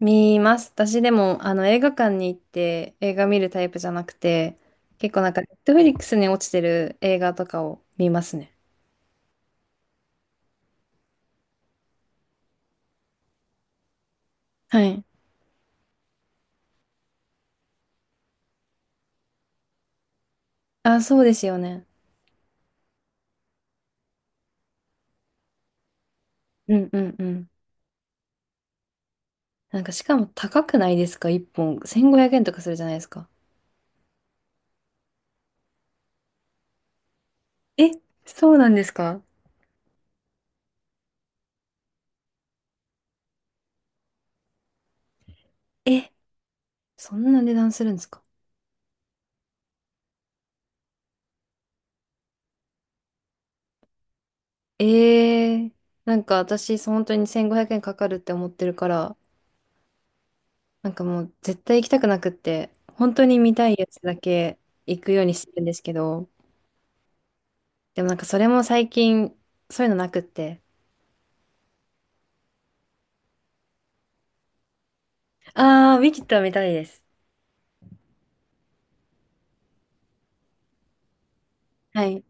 見ます。私でも、映画館に行って映画見るタイプじゃなくて、結構なんか、ネットフリックスに落ちてる映画とかを見ますね。はい。あ、そうですよね。うんうんうん。なんか、しかも高くないですか一本。1500円とかするじゃないですか。え、そうなんですか？え、そんな値段するんですか？ええー、なんか私、本当に1500円かかるって思ってるから、なんかもう絶対行きたくなくって、本当に見たいやつだけ行くようにしてるんですけど、でもなんかそれも最近、そういうのなくって。ああ、ウィキッドは見たいです。はい。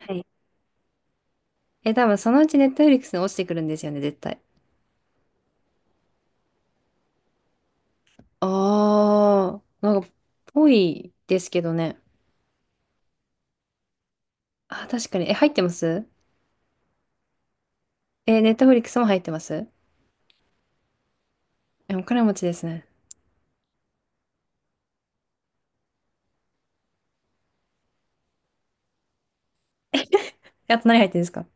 はい。え、多分そのうちネットフリックスに落ちてくるんですよね、絶対。あー、なんか、ぽいですけどね。あー、確かに。え、入ってます？え、ネットフリックスも入ってます？え、お金持ちですね。え、あと何入ってるんですか？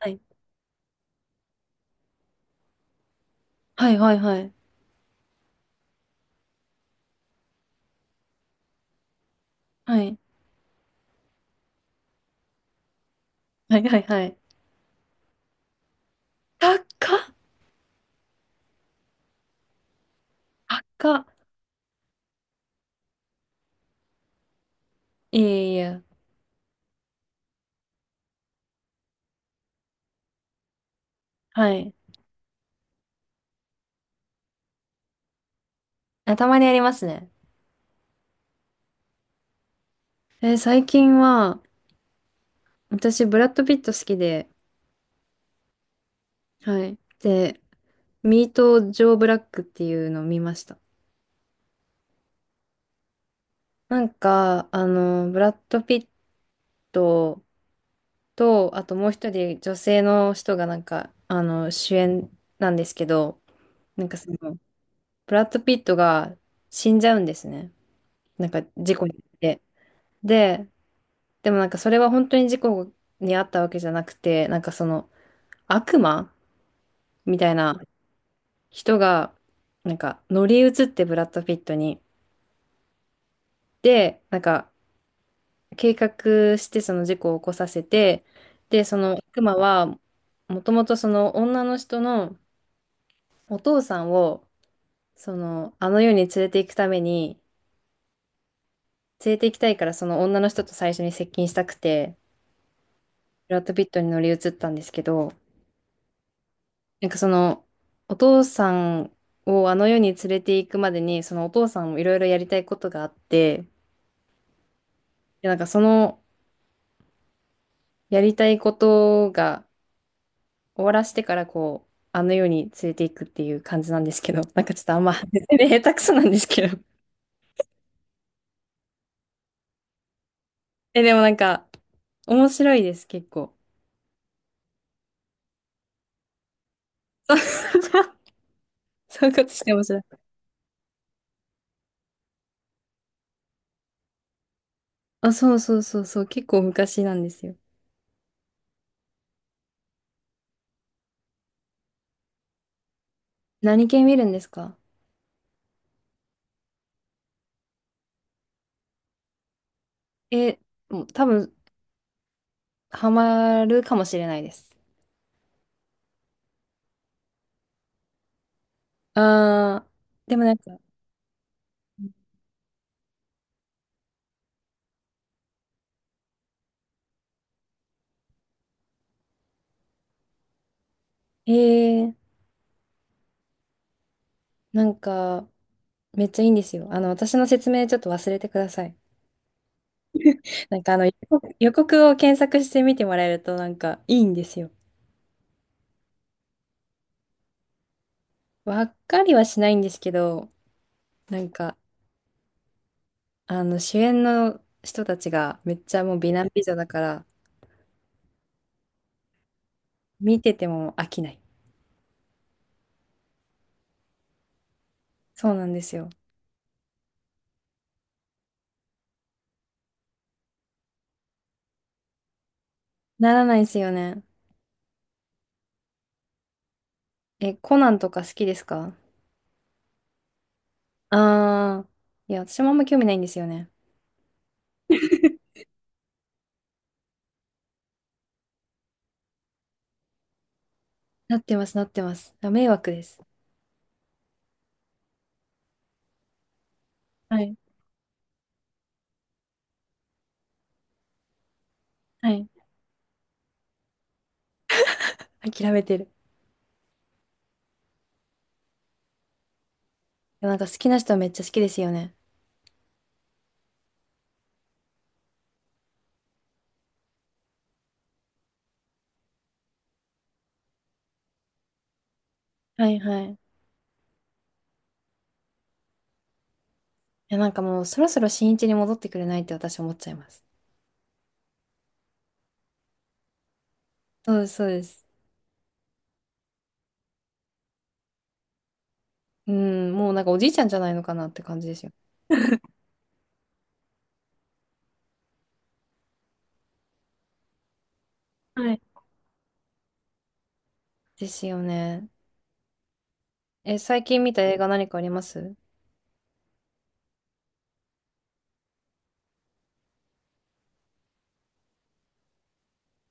はいはいはいはい。はい。はいはいはい。高っ高っ。いやいやいや。はい。あ、たまにありますね。最近は、私、ブラッド・ピット好きで、はい。で、ミート・ジョー・ブラックっていうのを見ました。なんか、ブラッド・ピットと、あともう一人女性の人がなんか、主演なんですけど、なんかその、ブラッド・ピットが死んじゃうんですね。なんか事故に遭って。で、でもなんかそれは本当に事故に遭ったわけじゃなくて、なんかその、悪魔みたいな人が、なんか乗り移ってブラッド・ピットに。で、なんか、計画してその事故を起こさせて、で、その悪魔は、もともとその女の人のお父さんを、その、あの世に連れて行くために、連れて行きたいからその女の人と最初に接近したくて、ブラッド・ピットに乗り移ったんですけど、なんかその、お父さんをあの世に連れて行くまでに、そのお父さんもいろいろやりたいことがあって、で、なんかそのやりたいことが、終わらせてからこう、あの世に連れていくっていう感じなんですけど、なんかちょっとあんま、説明下手くそなんですけど。え、でもなんか、面白いです、結構。そう そういうことして面白い。あ、そうそうそうそう、結構昔なんですよ。何系見るんですか？え、もう多分、ハマるかもしれないです。あー、でもなんか、えー、なんか、めっちゃいいんですよ。私の説明ちょっと忘れてください。なんか予告を検索してみてもらえるとなんかいいんですよ。わっかりはしないんですけど、なんかあの主演の人たちがめっちゃもう美男美女だから見てても飽きない。そうなんですよ。ならないですよね。え、コナンとか好きですか？ああー、いや、私もあんま興味ないんですよね。なってます、なってます。あ、迷惑です。はい、はい。諦めてる。いや、なんか好きな人はめっちゃ好きですよね。はい、はい。いや、なんかもうそろそろ新一に戻ってくれないって私思っちゃいます。そうです、そうです。うん、もうなんかおじいちゃんじゃないのかなって感じですよ。はい。ですよね。え、最近見た映画何かあります？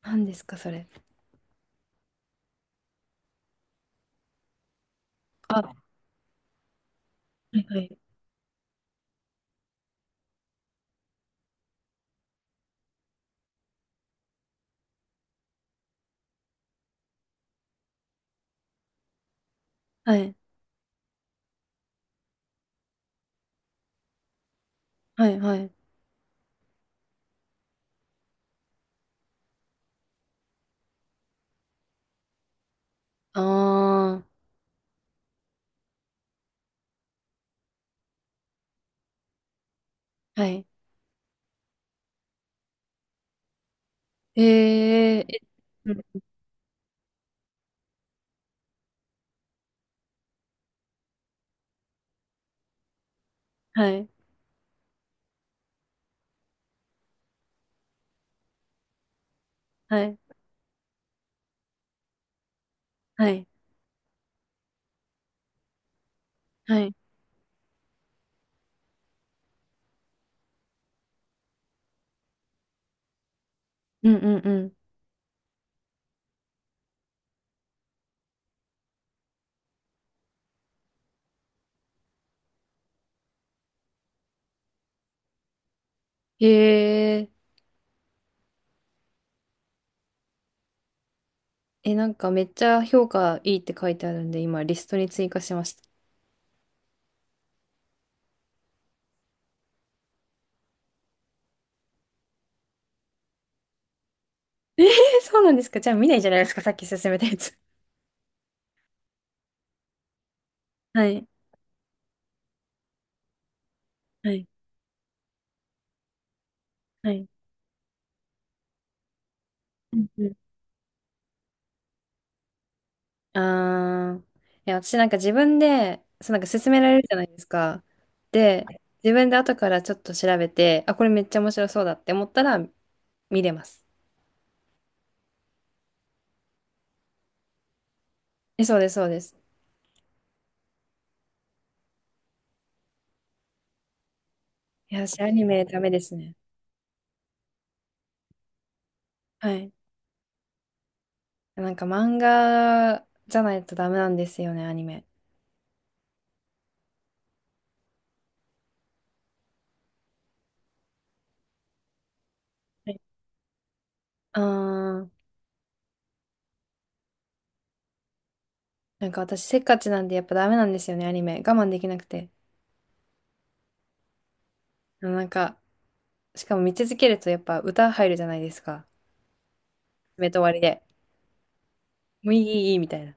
何ですか、それ。あ、はいはい。はい、はい、はい。あー、はい。えー、え、うん、はい、はい、はい、はい。うん、うん、うん。えー、え、なんかめっちゃ評価いいって書いてあるんで、今リストに追加しました。えー、そうなんですか。じゃあ見ないじゃないですか、さっき勧めたやつ。はい、はい、はい。うんうん。あー、いや、私なんか自分で、そうなんか勧められるじゃないですか。で、自分で後からちょっと調べて、あ、これめっちゃ面白そうだって思ったら見れます。え、そうです、そうです。いや、私アニメダメですね。はい。なんか漫画じゃないとダメなんですよね、アニメ。はい。あー、なんか私せっかちなんでやっぱダメなんですよね、アニメ。我慢できなくて。なんか、しかも見続けるとやっぱ歌入るじゃないですか。目と終わりで。もういい、いい、いいみたいな。